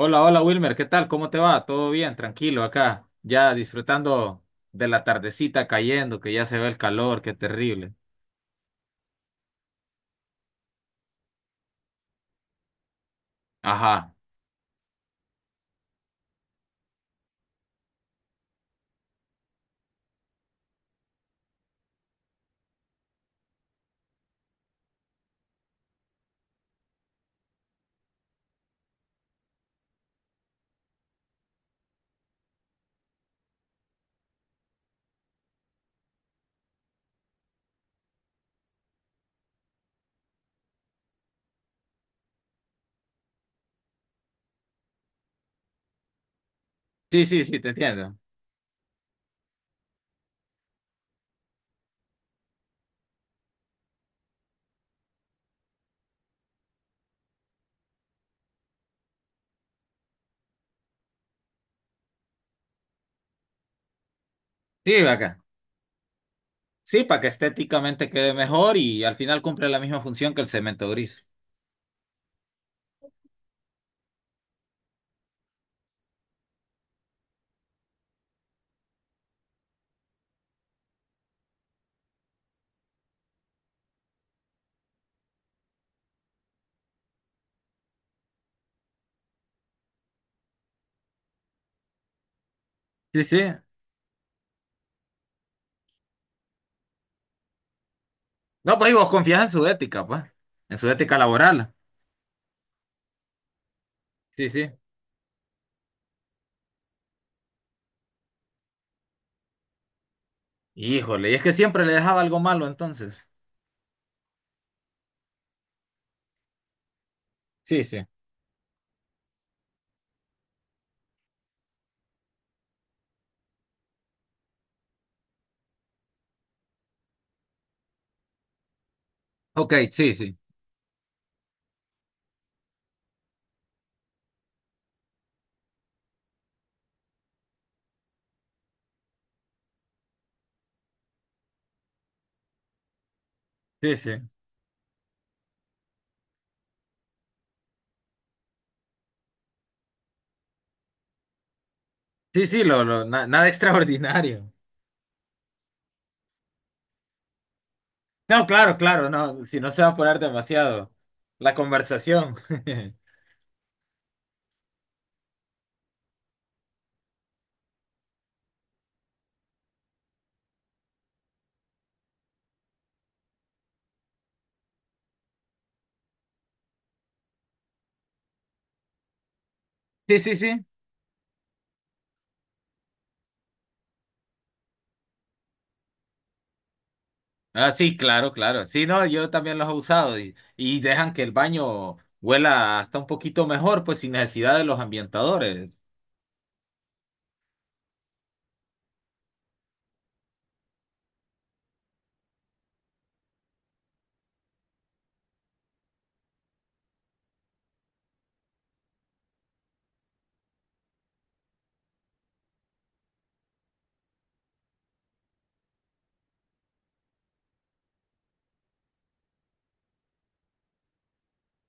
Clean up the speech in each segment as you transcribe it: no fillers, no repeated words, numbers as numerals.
Hola, hola Wilmer, ¿qué tal? ¿Cómo te va? ¿Todo bien? Tranquilo acá, ya disfrutando de la tardecita cayendo, que ya se ve el calor, qué terrible. Ajá. Sí, sí, te entiendo. Sí, acá. Sí, para que estéticamente quede mejor y al final cumple la misma función que el cemento gris. Sí, sí. No, pues y vos confías en su ética, pues, en su ética laboral. Sí, sí. Híjole, y es que siempre le dejaba algo malo entonces. Sí, sí. Ok, sí, sí. Sí, sí. Sí, sí, nada extraordinario. No, claro, claro, no, si no se va a poner demasiado. La conversación. Sí, sí, sí. Ah, sí, claro, claro. Sí, no, yo también los he usado y dejan que el baño huela hasta un poquito mejor, pues sin necesidad de los ambientadores.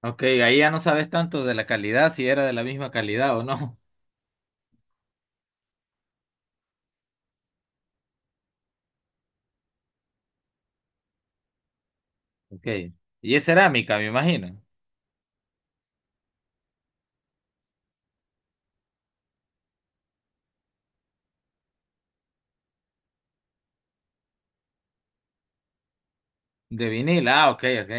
Ok, ahí ya no sabes tanto de la calidad, si era de la misma calidad o no. Ok. Y es cerámica, me imagino. De vinil, ah, ok, ok.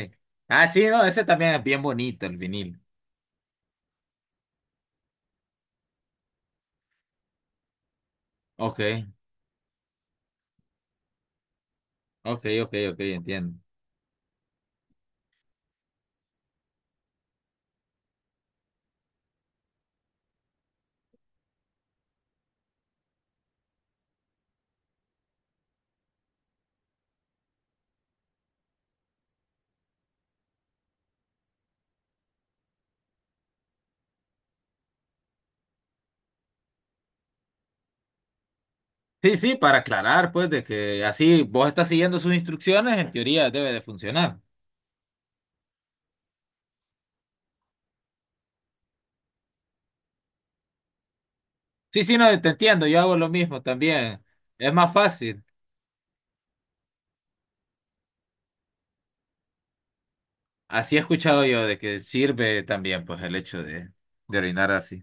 Ah, sí, no, ese también es bien bonito, el vinil. Ok, ok, ok, ok, entiendo. Sí, sí, para aclarar, pues, de que así vos estás siguiendo sus instrucciones, en teoría debe de funcionar. Sí, sí, no, te entiendo, yo hago lo mismo también. Es más fácil. Así he escuchado yo de que sirve también, pues, el hecho de orinar así.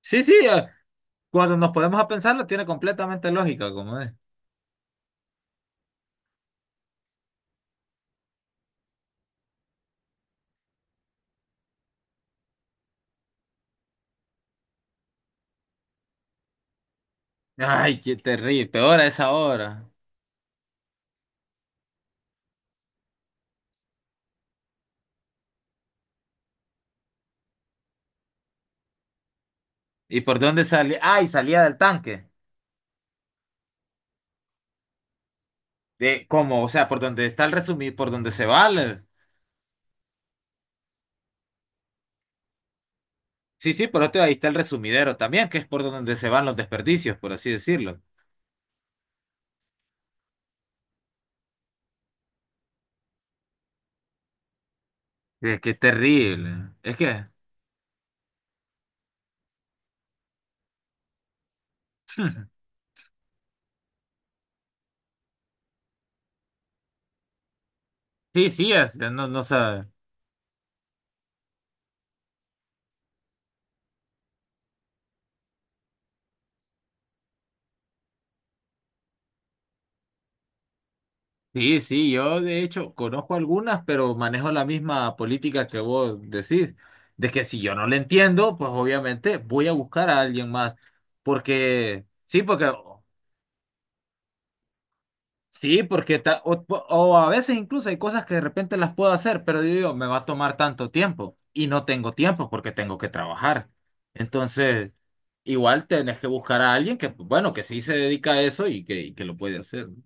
Sí, sí, cuando nos podemos a pensarlo, tiene completamente lógica, como es. Ay, qué terrible, peor a esa hora. ¿Y por dónde salía? Ay, salía del tanque. De, ¿cómo? O sea, por donde está el resumir, por donde se va. Sí, sí, por otro ahí está el resumidero también, que es por donde se van los desperdicios, por así decirlo. Es que es terrible. Es que, sí, sí, no, no sabe. Sí, sí, yo de hecho conozco algunas, pero manejo la misma política que vos decís, de que si yo no le entiendo, pues obviamente voy a buscar a alguien más, porque, sí, porque sí, porque o a veces incluso hay cosas que de repente las puedo hacer, pero yo digo, me va a tomar tanto tiempo y no tengo tiempo porque tengo que trabajar. Entonces, igual tenés que buscar a alguien que, bueno, que sí se dedica a eso y que lo puede hacer, ¿no?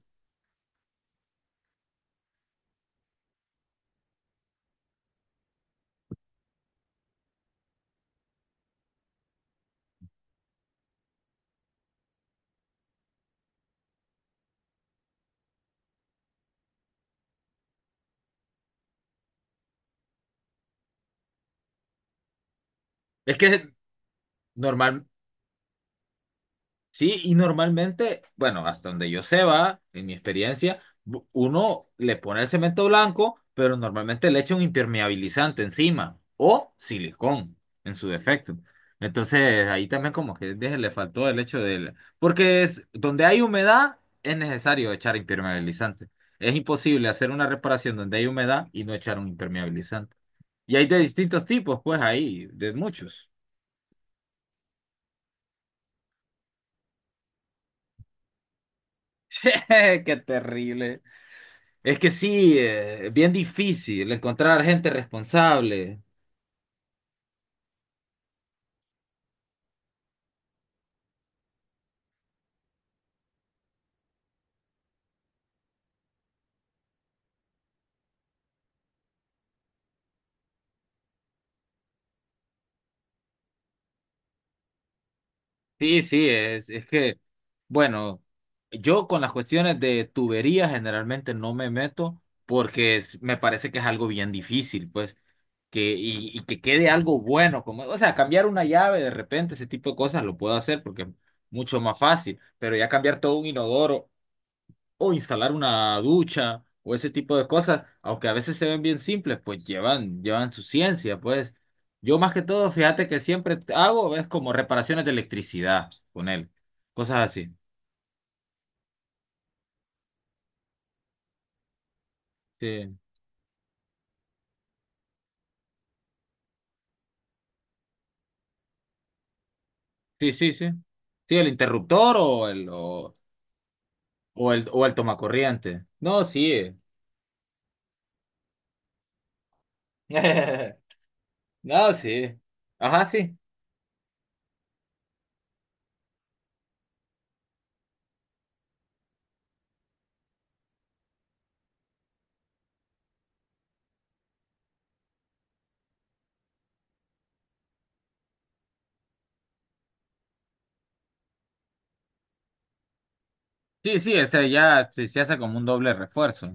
Es que normal. Sí, y normalmente, bueno, hasta donde yo sé va, en mi experiencia, uno le pone el cemento blanco, pero normalmente le echa un impermeabilizante encima o silicón en su defecto. Entonces, ahí también como que le faltó el hecho del... Porque es, donde hay humedad es necesario echar impermeabilizante. Es imposible hacer una reparación donde hay humedad y no echar un impermeabilizante. Y hay de distintos tipos, pues ahí, de muchos. Qué terrible. Es que sí, es bien difícil encontrar gente responsable. Sí, sí, es que, bueno, yo con las cuestiones de tubería generalmente no me meto porque me parece que es algo bien difícil, pues, que, y que quede algo bueno, como, o sea, cambiar una llave de repente, ese tipo de cosas lo puedo hacer porque es mucho más fácil, pero ya cambiar todo un inodoro, o instalar una ducha o ese tipo de cosas, aunque a veces se ven bien simples, pues llevan, llevan su ciencia, pues. Yo más que todo, fíjate que siempre hago es como reparaciones de electricidad con él, cosas así. Sí, sí, sí, sí. Sí, el interruptor o el tomacorriente. No, sí. No, sí. Ajá, sí. Sí, sí, ese ya se hace como un doble refuerzo.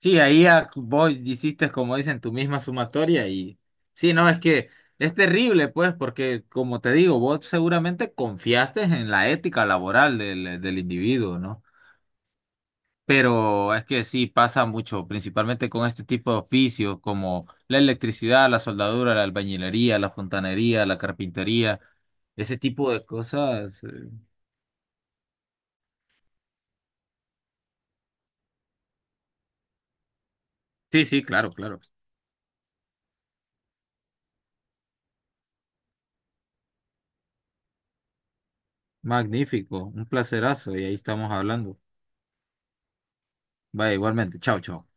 Sí, vos hiciste, como dicen, tu misma sumatoria y sí, no, es que es terrible, pues, porque como te digo, vos seguramente confiaste en la ética laboral del, del individuo, ¿no? Pero es que sí pasa mucho, principalmente con este tipo de oficios como la electricidad, la soldadura, la albañilería, la fontanería, la carpintería, ese tipo de cosas. Sí, sí, claro, claro. Magnífico, un placerazo y ahí estamos hablando. Vaya, igualmente, chao, chao.